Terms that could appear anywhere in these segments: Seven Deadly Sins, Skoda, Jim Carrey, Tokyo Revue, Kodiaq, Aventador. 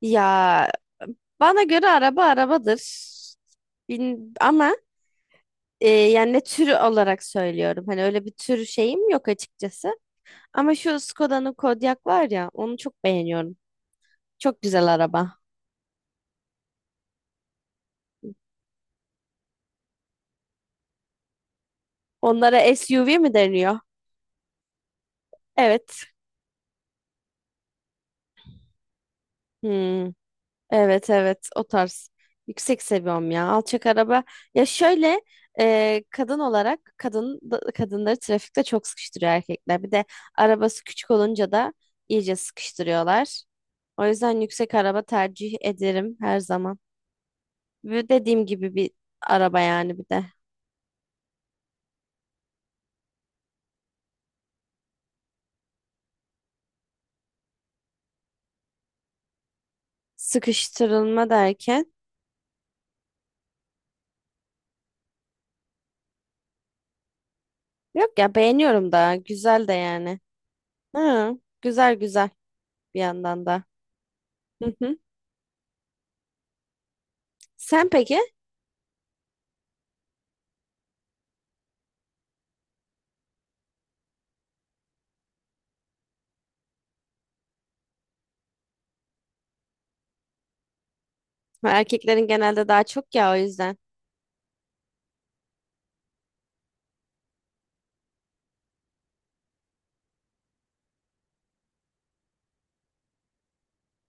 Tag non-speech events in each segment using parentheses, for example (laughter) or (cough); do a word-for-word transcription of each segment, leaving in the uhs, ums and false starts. Ya bana göre araba arabadır. Bin, ama e, yani ne türü olarak söylüyorum. Hani öyle bir tür şeyim yok açıkçası. Ama şu Skoda'nın Kodiaq var ya onu çok beğeniyorum. Çok güzel araba. Onlara S U V mi deniyor? Evet. Hmm. Evet evet o tarz. Yüksek seviyorum ya. Alçak araba. Ya şöyle e, kadın olarak kadın da- kadınları trafikte çok sıkıştırıyor erkekler. Bir de arabası küçük olunca da iyice sıkıştırıyorlar. O yüzden yüksek araba tercih ederim her zaman. Ve dediğim gibi bir araba yani bir de. Sıkıştırılma derken. Yok ya beğeniyorum da güzel de yani. Hı, güzel güzel bir yandan da. Hı hı. Sen peki? Erkeklerin genelde daha çok ya o yüzden.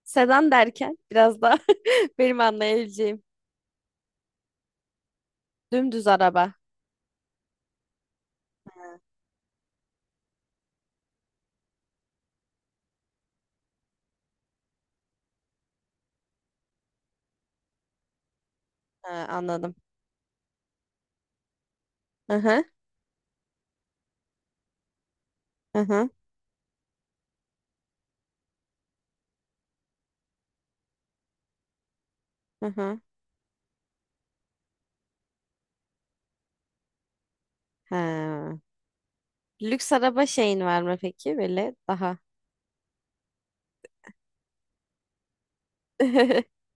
Sedan derken biraz daha (laughs) benim anlayabileceğim. Dümdüz araba. Ha, anladım. Hı hı. Hı hı. Hı hı. Ha. Lüks araba şeyin var mı peki? Böyle daha. (laughs)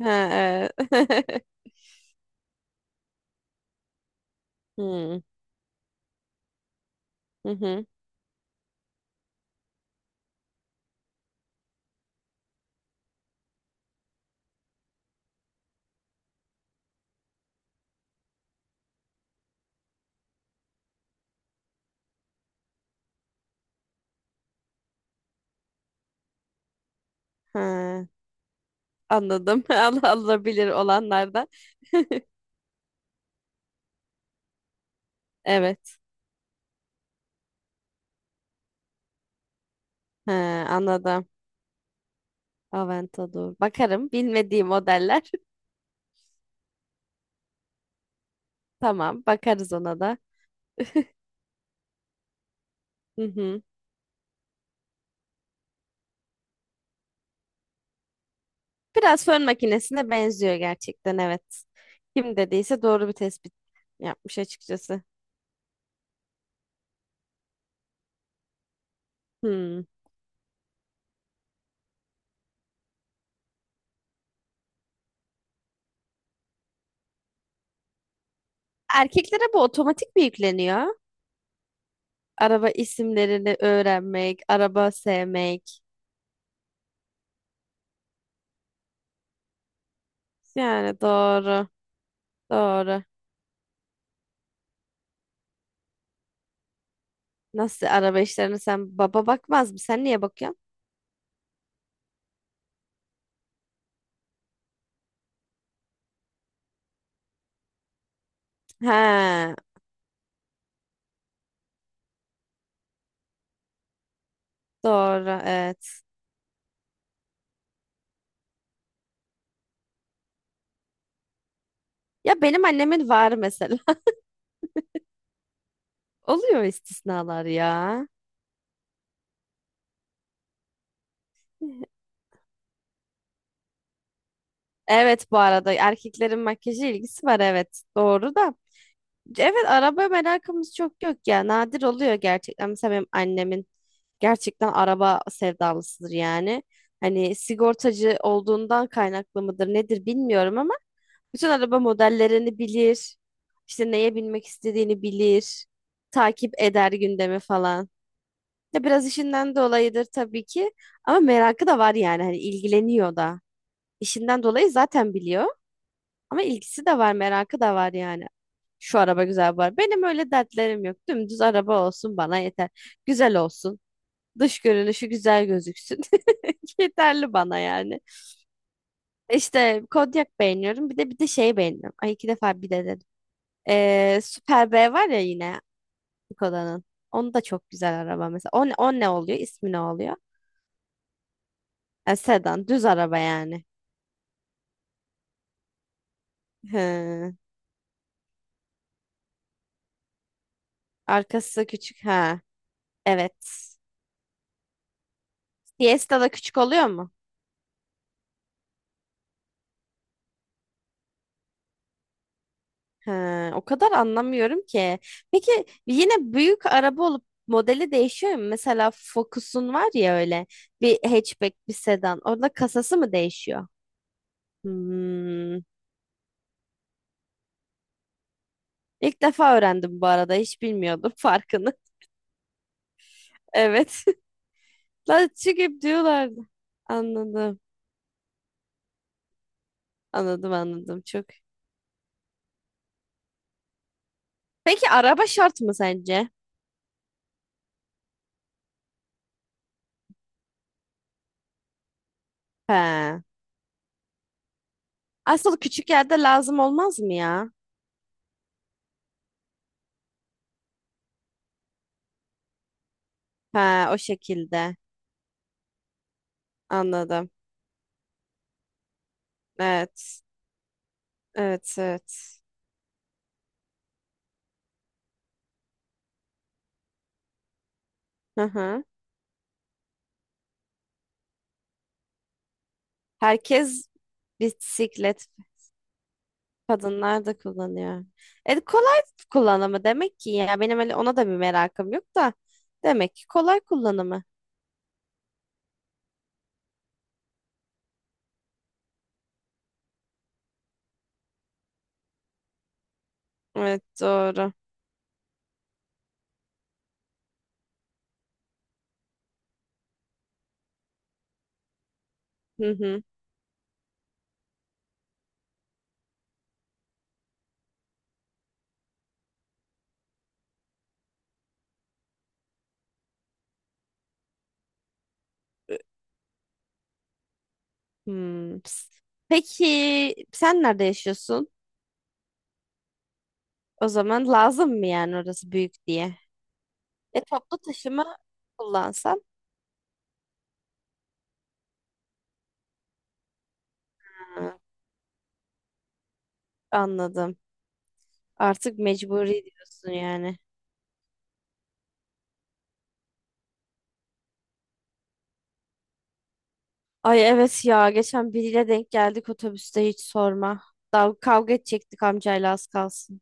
Ha, evet. (laughs) Hmm, hı hı. Ha, anladım. (laughs) Al- alabilir olanlarda. (laughs) Evet. Ha, anladım. Aventador. Bakarım. Bilmediğim modeller. (laughs) Tamam. Bakarız ona da. Hı hı. Biraz fön makinesine benziyor gerçekten, evet. Kim dediyse doğru bir tespit yapmış açıkçası. Hmm. Erkeklere bu otomatik mi yükleniyor? Araba isimlerini öğrenmek, araba sevmek. Yani doğru, doğru. Nasıl araba işlerine sen, baba bakmaz mı? Sen niye bakıyorsun? Ha, doğru, evet. Ya benim annemin var mesela. (laughs) Oluyor istisnalar ya. Evet, bu arada erkeklerin makyaja ilgisi var, evet. Doğru da. Evet, araba merakımız çok yok ya. Nadir oluyor gerçekten. Mesela benim annemin gerçekten araba sevdalısıdır yani. Hani sigortacı olduğundan kaynaklı mıdır nedir bilmiyorum ama bütün araba modellerini bilir. İşte neye binmek istediğini bilir. Takip eder gündemi falan. Ya biraz işinden dolayıdır tabii ki, ama merakı da var yani hani ilgileniyor da. İşinden dolayı zaten biliyor. Ama ilgisi de var, merakı da var yani. Şu araba güzel var. Benim öyle dertlerim yok. Dümdüz araba olsun bana yeter. Güzel olsun. Dış görünüşü güzel gözüksün. (laughs) Yeterli bana yani. İşte Kodiak beğeniyorum. Bir de bir de şeyi beğeniyorum. Ay, iki defa bir de dedim. Ee, Super B var ya yine Koda'nın. Onu da çok güzel araba mesela. O, ne- o ne oluyor? İsmi ne oluyor? E, sedan. Düz araba yani. Hı. Arkası küçük. Ha. Evet. Fiesta da küçük oluyor mu? Ha, o kadar anlamıyorum ki. Peki yine büyük araba olup modeli değişiyor mu? Mesela Focus'un var ya, öyle bir hatchback bir sedan. Orada kasası mı değişiyor? Hmm. İlk defa öğrendim bu arada. Hiç bilmiyordum farkını. (laughs) Evet. (laughs) Lan çünkü diyorlardı. Anladım. Anladım, anladım çok. Peki araba şart mı sence? He. Aslında küçük yerde lazım olmaz mı ya? He, o şekilde. Anladım. Evet. Evet, evet. Hı hı. Herkes bisiklet, kadınlar da kullanıyor. E, kolay kullanımı demek ki, ya benim öyle ona da bir merakım yok da demek ki kolay kullanımı. Evet, doğru. Hı hı. Hmm. Peki sen nerede yaşıyorsun? O zaman lazım mı yani orası büyük diye? E, toplu taşıma kullansam. Ha, anladım. Artık mecburi diyorsun yani. Ay evet ya, geçen biriyle denk geldik otobüste, hiç sorma. Daha kavga edecektik amcayla az kalsın.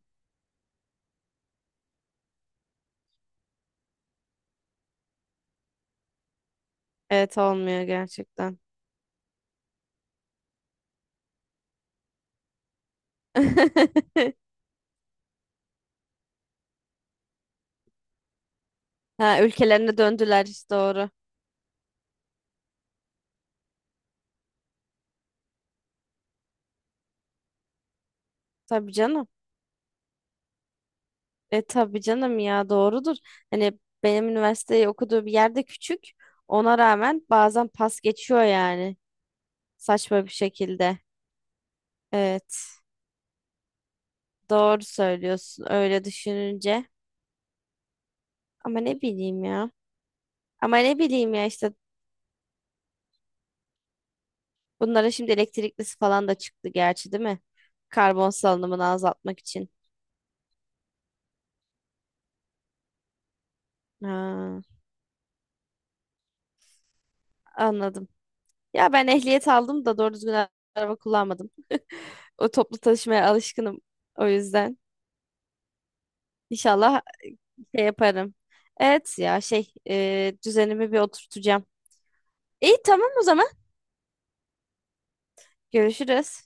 Evet, olmuyor gerçekten. (laughs) Ha, ülkelerine döndüler işte, doğru. Tabii canım. E tabii canım ya, doğrudur. Hani benim üniversiteyi okuduğu bir yerde küçük. Ona rağmen bazen pas geçiyor yani. Saçma bir şekilde. Evet. Doğru söylüyorsun öyle düşününce. Ama ne bileyim ya. Ama ne bileyim ya işte, bunlara şimdi elektriklisi falan da çıktı gerçi değil mi? Karbon salınımını azaltmak için. Ha, anladım. Ya ben ehliyet aldım da doğru düzgün araba kullanmadım. O toplu taşımaya alışkınım o yüzden. İnşallah şey yaparım. Evet ya, şey e, düzenimi bir oturtacağım. İyi, tamam o zaman. Görüşürüz.